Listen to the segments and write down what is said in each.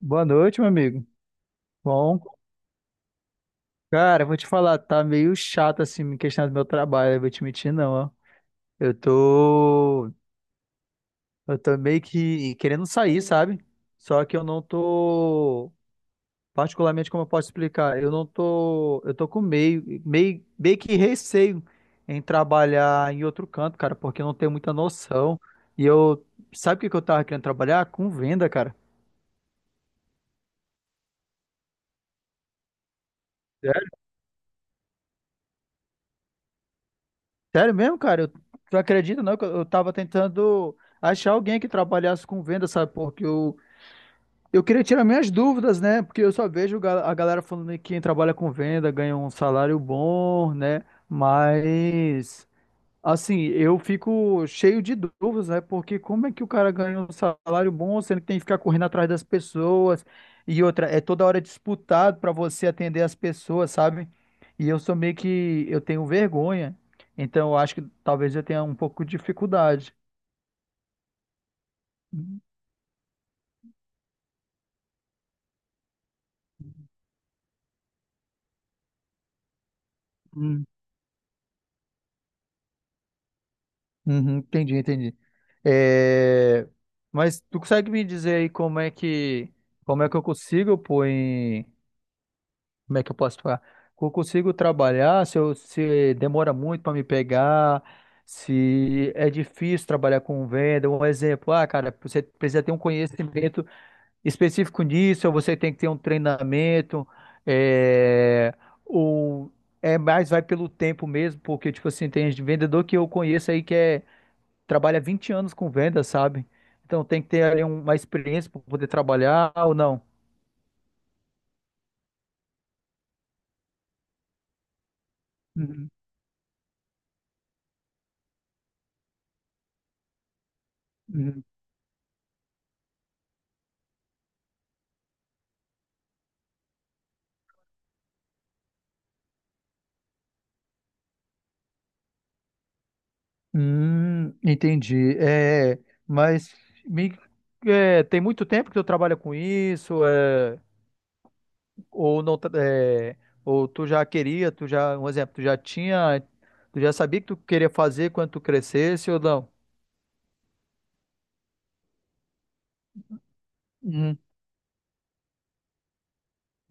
Boa noite, meu amigo. Bom, cara, eu vou te falar, tá meio chato assim me questionar do meu trabalho, eu vou te mentir não, ó. Eu tô, eu tô meio que querendo sair, sabe? Só que eu não tô, particularmente como eu posso explicar, eu não tô, eu tô com meio que receio em trabalhar em outro canto, cara, porque eu não tenho muita noção. E eu, sabe o que que eu tava querendo trabalhar? Com venda, cara. Sério mesmo, cara? Tu acredita, não? Que eu tava tentando achar alguém que trabalhasse com venda, sabe? Porque eu queria tirar minhas dúvidas, né? Porque eu só vejo a galera falando que quem trabalha com venda ganha um salário bom, né? Assim, eu fico cheio de dúvidas, né? Porque como é que o cara ganha um salário bom, sendo que tem que ficar correndo atrás das pessoas e outra, é toda hora disputado para você atender as pessoas, sabe? E eu sou meio que, eu tenho vergonha, então eu acho que talvez eu tenha um pouco de dificuldade. Uhum, uhum, entendi, entendi. É, mas tu consegue me dizer aí como é que eu consigo, pô, como é que eu posso falar? Eu consigo trabalhar se demora muito para me pegar, se é difícil trabalhar com venda. Um exemplo, ah, cara, você precisa ter um conhecimento específico nisso, ou você tem que ter um treinamento, é, ou é mais vai pelo tempo mesmo, porque, tipo assim, tem vendedor que eu conheço aí que trabalha 20 anos com venda, sabe? Então tem que ter ali um, uma experiência para poder trabalhar ou não. Uhum, uhum. Entendi. É, mas me- tem muito tempo que tu trabalha com isso, ou não, ou tu já queria, tu já, um exemplo, tu já tinha, tu já sabia que tu queria fazer quando tu crescesse ou não?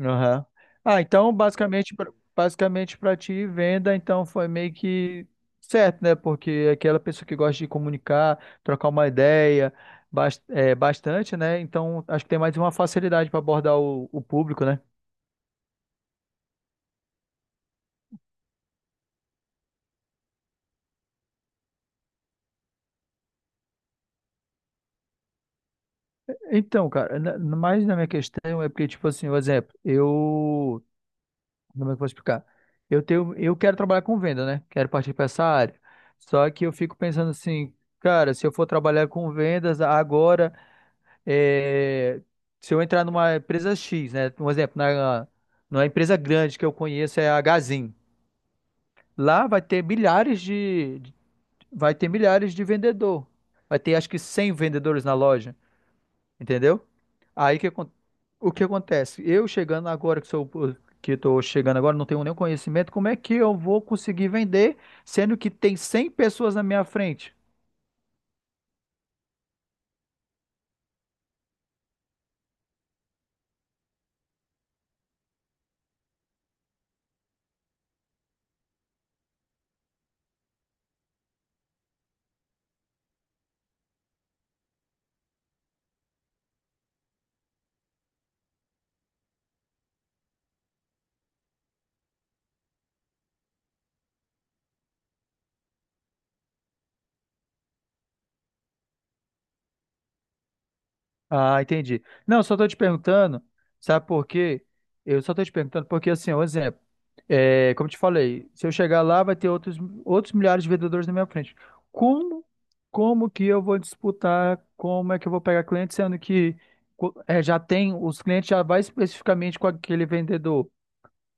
Aham. Ah, então basicamente para ti venda então foi meio que certo, né? Porque é aquela pessoa que gosta de comunicar, trocar uma ideia, bastante, né? Então acho que tem mais uma facilidade para abordar o público, né? Então, cara, mais na minha questão é porque, tipo assim, por exemplo, eu como é que eu vou explicar? Eu quero trabalhar com venda, né? Quero partir para essa área. Só que eu fico pensando assim, cara, se eu for trabalhar com vendas agora, é, se eu entrar numa empresa X, né? Um exemplo, na, numa empresa grande que eu conheço é a Gazin. Lá vai ter milhares de- Vai ter milhares de vendedor. Vai ter acho que 100 vendedores na loja, entendeu? Aí que acon- o que acontece? Eu chegando agora que estou chegando agora, não tenho nenhum conhecimento, como é que eu vou conseguir vender, sendo que tem 100 pessoas na minha frente? Ah, entendi. Não, só estou te perguntando, sabe por quê? Eu só estou te perguntando porque, assim, um exemplo, é, como eu te falei, se eu chegar lá, vai ter outros milhares de vendedores na minha frente. Como, como que eu vou disputar? Como é que eu vou pegar cliente, sendo que já tem, os clientes já vai especificamente com aquele vendedor?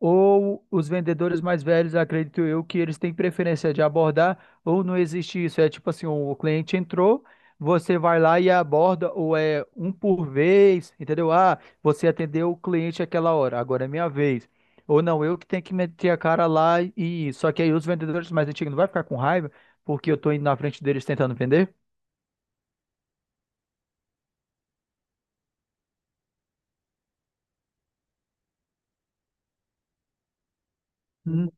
Ou os vendedores mais velhos, acredito eu, que eles têm preferência de abordar, ou não existe isso. É tipo assim, o cliente entrou, você vai lá e aborda, ou é um por vez, entendeu? Ah, você atendeu o cliente aquela hora, agora é minha vez. Ou não, eu que tenho que meter a cara lá e. Só que aí os vendedores mais antigos não vai ficar com raiva, porque eu tô indo na frente deles tentando vender? Hum,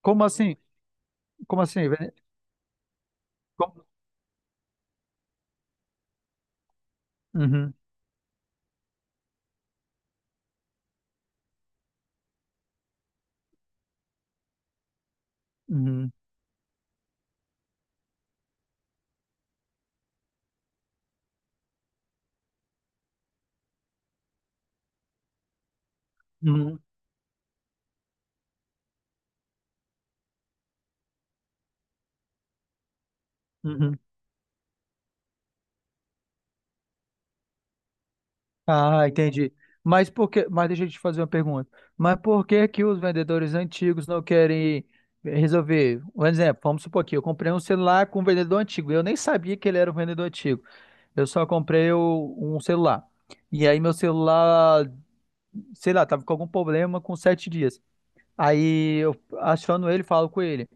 Como assim? Como assim? Como... Uhum, uhum, uhum, uhum. Ah, entendi. Mas por que, mas deixa eu te fazer uma pergunta. Mas por que que os vendedores antigos não querem resolver? Um exemplo, vamos supor aqui, eu comprei um celular com um vendedor antigo. Eu nem sabia que ele era um vendedor antigo. Eu só comprei um celular. E aí meu celular, sei lá, tava com algum problema com 7 dias. Aí eu achando ele, falo com ele.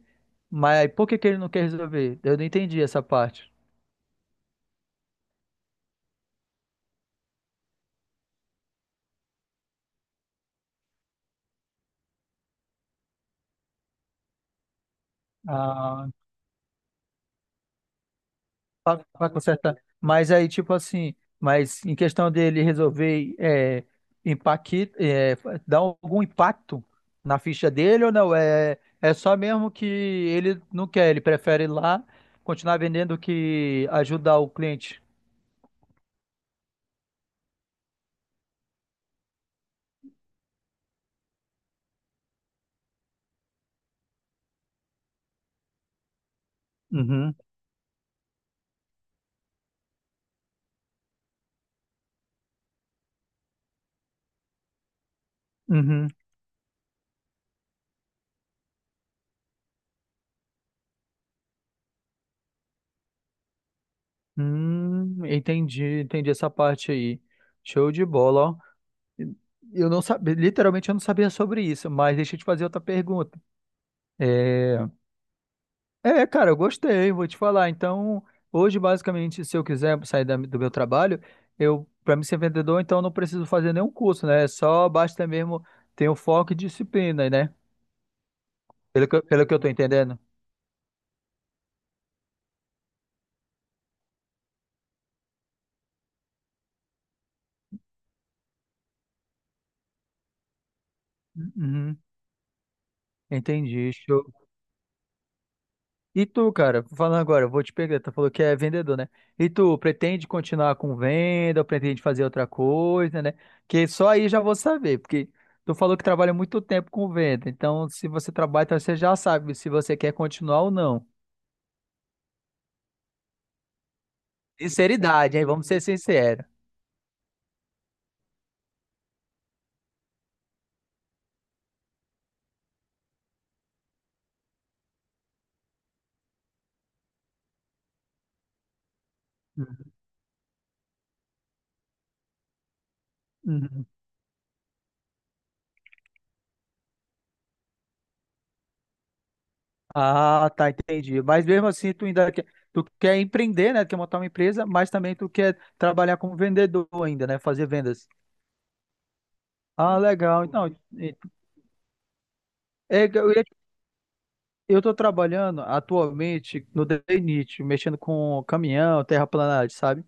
Mas por que que ele não quer resolver? Eu não entendi essa parte. Pra consertar. Mas aí, tipo assim, mas em questão dele resolver impacti- é, dar algum impacto na ficha dele ou não? É, é só mesmo que ele não quer, ele prefere ir lá continuar vendendo que ajudar o cliente. Uhum, uhum. Entendi, entendi essa parte aí. Show de bola, ó. Eu não sabia, literalmente eu não sabia sobre isso, mas deixa eu te fazer outra pergunta. É, é, cara, eu gostei, vou te falar. Então, hoje, basicamente, se eu quiser sair do meu trabalho, para mim ser vendedor, então eu não preciso fazer nenhum curso, né? Só basta mesmo ter o foco e disciplina, né? Pelo que eu tô entendendo. Uhum, entendi. E tu, cara, falando agora, eu vou te pegar, tu falou que é vendedor, né? E tu, pretende continuar com venda, ou pretende fazer outra coisa, né? Que só aí já vou saber, porque tu falou que trabalha muito tempo com venda, então se você trabalha, então você já sabe se você quer continuar ou não. Sinceridade, hein? Vamos ser sinceros. Uhum. Uhum. Ah, tá, entendi. Mas mesmo assim, tu ainda quer, tu quer empreender, né? Quer montar uma empresa, mas também tu quer trabalhar como vendedor ainda, né? Fazer vendas. Ah, legal. Então, e- é, eu ia Eu estou trabalhando atualmente no DNIT, mexendo com caminhão, terraplanagem, sabe?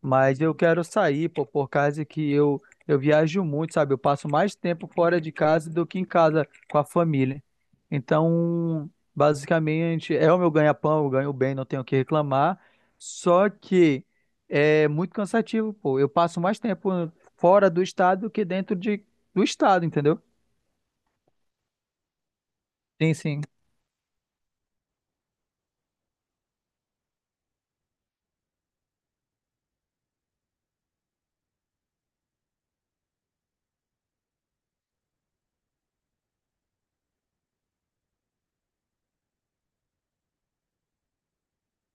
Mas eu quero sair, pô, por causa que eu viajo muito, sabe? Eu passo mais tempo fora de casa do que em casa com a família. Então, basicamente, é o meu ganha-pão, eu ganho bem, não tenho o que reclamar. Só que é muito cansativo, pô. Eu passo mais tempo fora do estado do que dentro do estado, entendeu? Sim, sim.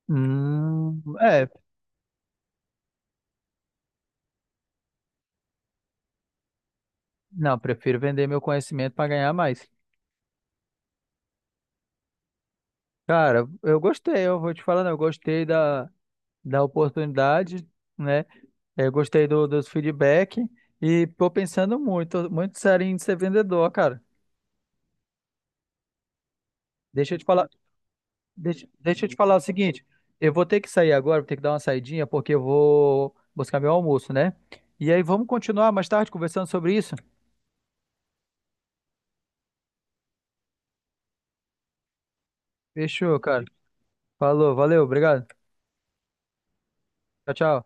Hum, é, não, prefiro vender meu conhecimento para ganhar mais. Cara, eu gostei, eu vou te falando, eu gostei da oportunidade, né? Eu gostei do, dos feedback e tô pensando muito, muito sério em ser vendedor, cara. Deixa eu te falar, deixa eu te falar o seguinte, eu vou ter que sair agora, vou ter que dar uma saidinha porque eu vou buscar meu almoço, né? E aí vamos continuar mais tarde conversando sobre isso? Fechou, cara. Falou, valeu, obrigado. Tchau, tchau.